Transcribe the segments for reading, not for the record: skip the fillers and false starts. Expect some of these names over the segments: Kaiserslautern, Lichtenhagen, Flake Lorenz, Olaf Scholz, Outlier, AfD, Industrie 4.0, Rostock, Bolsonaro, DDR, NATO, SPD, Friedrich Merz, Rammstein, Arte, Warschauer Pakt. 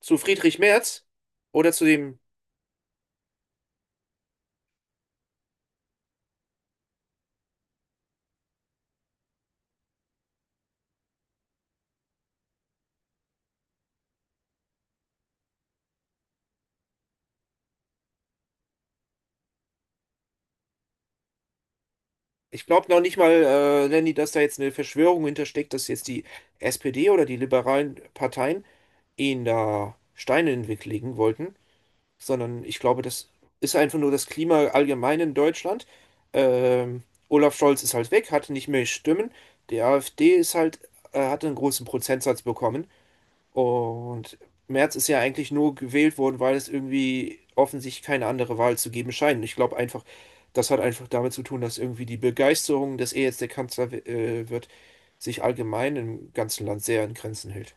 Zu Friedrich Merz oder zu dem, ich glaube noch nicht mal, Lenny, dass da jetzt eine Verschwörung hintersteckt, dass jetzt die SPD oder die liberalen Parteien ihn da Steine in den Weg legen wollten, sondern ich glaube, das ist einfach nur das Klima allgemein in Deutschland. Ähm, Olaf Scholz ist halt weg, hatte nicht mehr Stimmen. Die AfD ist halt, hat einen großen Prozentsatz bekommen. Und Merz ist ja eigentlich nur gewählt worden, weil es irgendwie offensichtlich keine andere Wahl zu geben scheint. Ich glaube einfach, das hat einfach damit zu tun, dass irgendwie die Begeisterung, dass er jetzt der Kanzler wird, sich allgemein im ganzen Land sehr in Grenzen hält.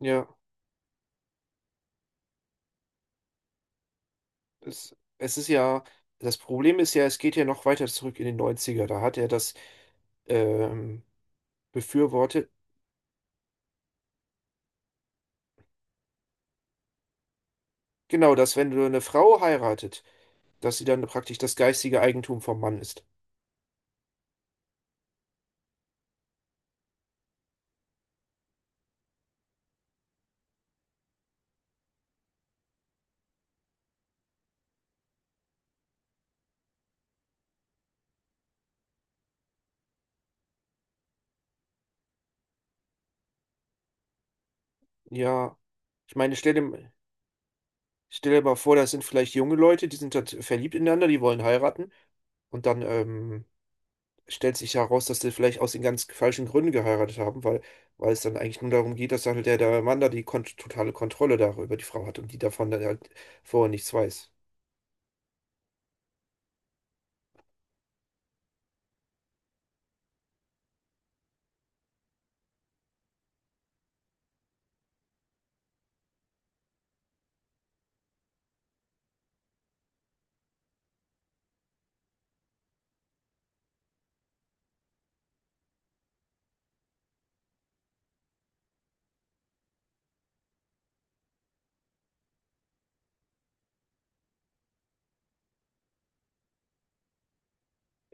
Ja, es ist ja, das Problem ist ja, es geht ja noch weiter zurück in den Neunziger. Da hat er das ähm, befürwortet. Genau, dass wenn du eine Frau heiratet, dass sie dann praktisch das geistige Eigentum vom Mann ist. Ja, ich meine, stell dir mal vor, das sind vielleicht junge Leute, die sind dort verliebt ineinander, die wollen heiraten. Und dann stellt sich heraus, dass die vielleicht aus den ganz falschen Gründen geheiratet haben, weil es dann eigentlich nur darum geht, dass dann halt der Mann da die kon totale Kontrolle darüber die Frau hat und die davon dann halt vorher nichts weiß.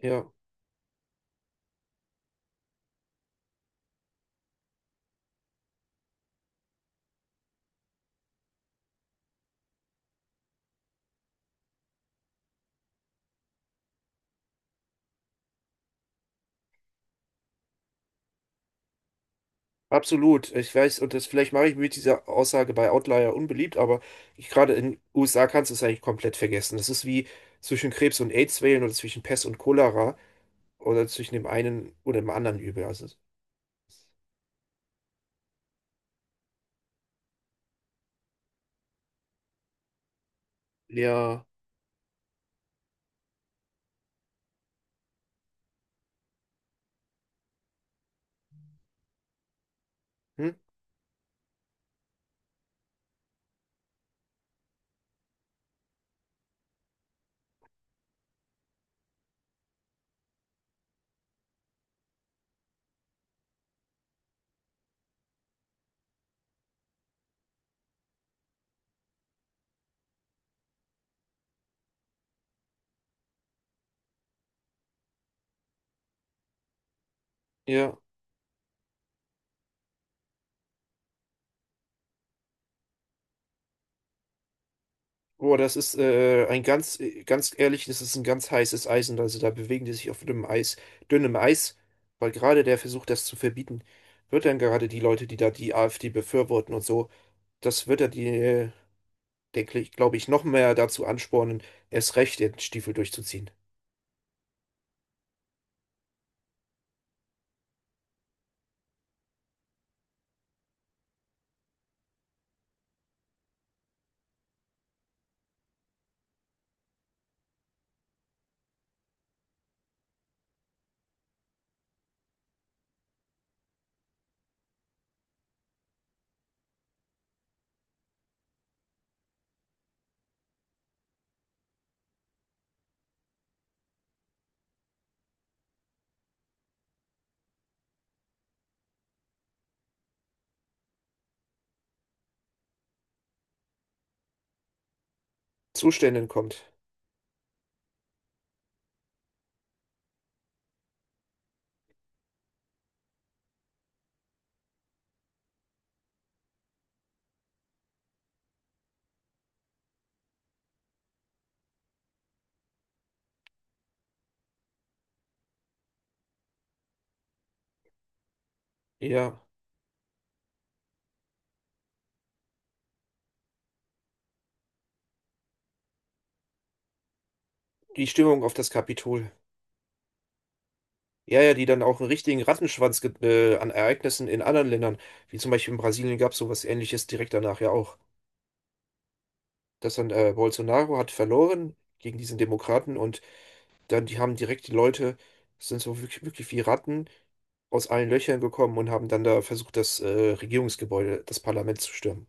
Ja, absolut. Ich weiß, und das vielleicht mache ich mit dieser Aussage bei Outlier unbeliebt, aber ich, gerade in USA kannst du es eigentlich komplett vergessen. Das ist wie zwischen Krebs und AIDS wählen oder zwischen Pest und Cholera oder zwischen dem einen oder dem anderen Übel. Also ja, hm? Ja. Boah, das ist ganz ehrlich, das ist ein ganz heißes Eisen. Also da bewegen die sich auf dünnem Eis, weil gerade der Versuch, das zu verbieten, wird dann gerade die Leute, die da die AfD befürworten und so, das wird dann denke ich, glaube ich, noch mehr dazu anspornen, erst recht den Stiefel durchzuziehen. Zuständen kommt. Ja, die Stimmung auf das Kapitol. Ja, ja, die dann auch einen richtigen Rattenschwanz an Ereignissen in anderen Ländern, wie zum Beispiel in Brasilien gab es sowas Ähnliches direkt danach ja auch. Dass dann Bolsonaro hat verloren gegen diesen Demokraten und dann die haben direkt die Leute, sind so wirklich, wirklich wie Ratten aus allen Löchern gekommen und haben dann da versucht, das Regierungsgebäude, das Parlament zu stürmen.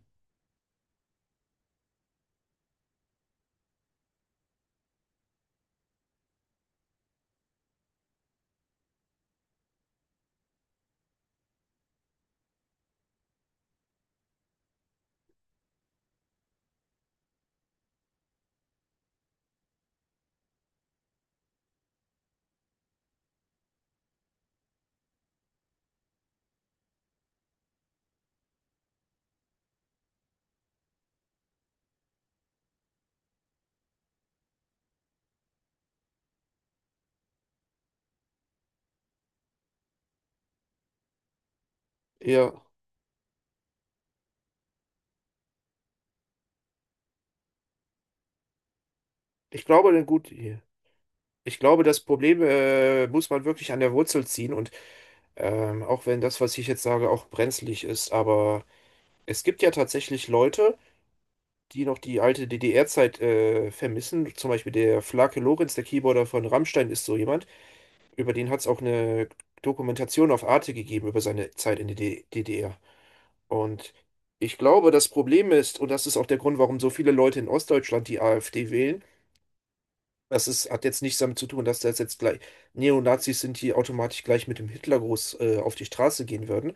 Ja, ich glaube, denn gut, ich glaube, das Problem muss man wirklich an der Wurzel ziehen und auch wenn das, was ich jetzt sage, auch brenzlig ist, aber es gibt ja tatsächlich Leute, die noch die alte DDR-Zeit vermissen. Zum Beispiel der Flake Lorenz, der Keyboarder von Rammstein, ist so jemand. Über den hat es auch eine Dokumentation auf Arte gegeben über seine Zeit in der DDR. Und ich glaube, das Problem ist, und das ist auch der Grund, warum so viele Leute in Ostdeutschland die AfD wählen, das ist, hat jetzt nichts damit zu tun, dass das jetzt gleich Neonazis sind, die automatisch gleich mit dem Hitlergruß auf die Straße gehen würden,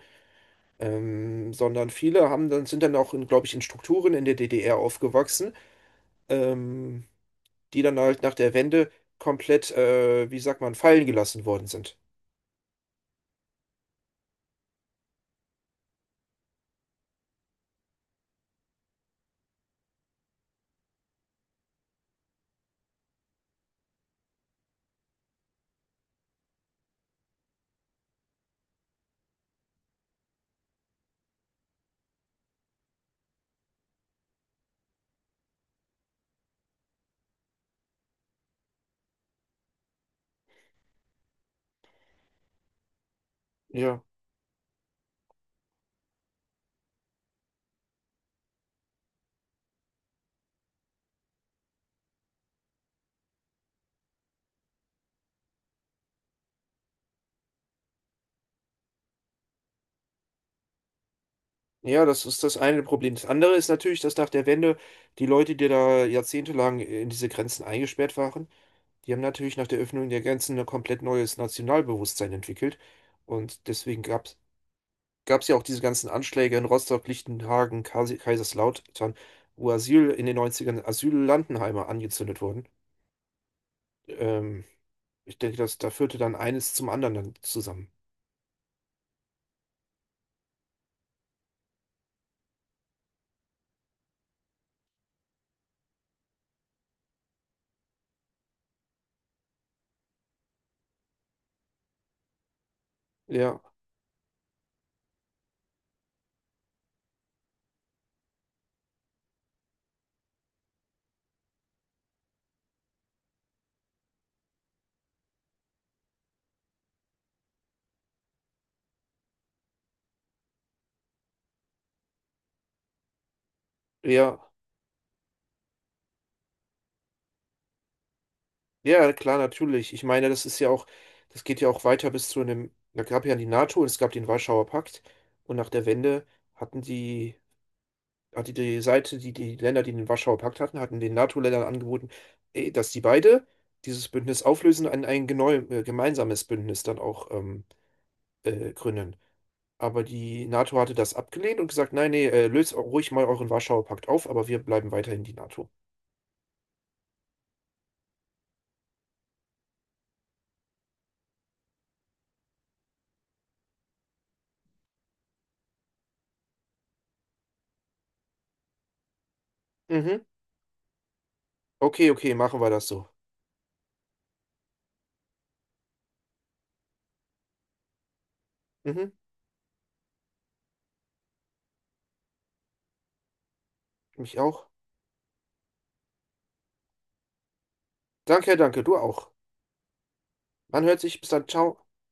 sondern viele haben dann, sind dann auch, glaube ich, in Strukturen in der DDR aufgewachsen ähm, die dann halt nach der Wende komplett, wie sagt man, fallen gelassen worden sind. Ja. Ja, das ist das eine Problem. Das andere ist natürlich, dass nach der Wende die Leute, die da jahrzehntelang in diese Grenzen eingesperrt waren, die haben natürlich nach der Öffnung der Grenzen ein komplett neues Nationalbewusstsein entwickelt. Und deswegen gab's ja auch diese ganzen Anschläge in Rostock, Lichtenhagen, Kaiserslautern, wo Asyl in den Neunzigern, ern Asyllandenheime angezündet wurden. Ähm, ich denke, dass da führte dann eines zum anderen dann zusammen. Ja, ja, ja, klar, natürlich. Ich meine, das ist ja auch, das geht ja auch weiter bis zu einem, da gab ja die NATO und es gab den Warschauer Pakt und nach der Wende hatten die, hatte die Seite, die Länder, die den Warschauer Pakt hatten, hatten den NATO-Ländern angeboten, eh, dass die beide dieses Bündnis auflösen und ein gemeinsames Bündnis dann auch gründen. Aber die NATO hatte das abgelehnt und gesagt, nein, nee, löst auch ruhig mal euren Warschauer Pakt auf, aber wir bleiben weiterhin die NATO. Mhm. Okay, okay, machen wir das so. Mhm. Mich auch. Danke, danke, du auch. Man hört sich. Bis dann. Ciao.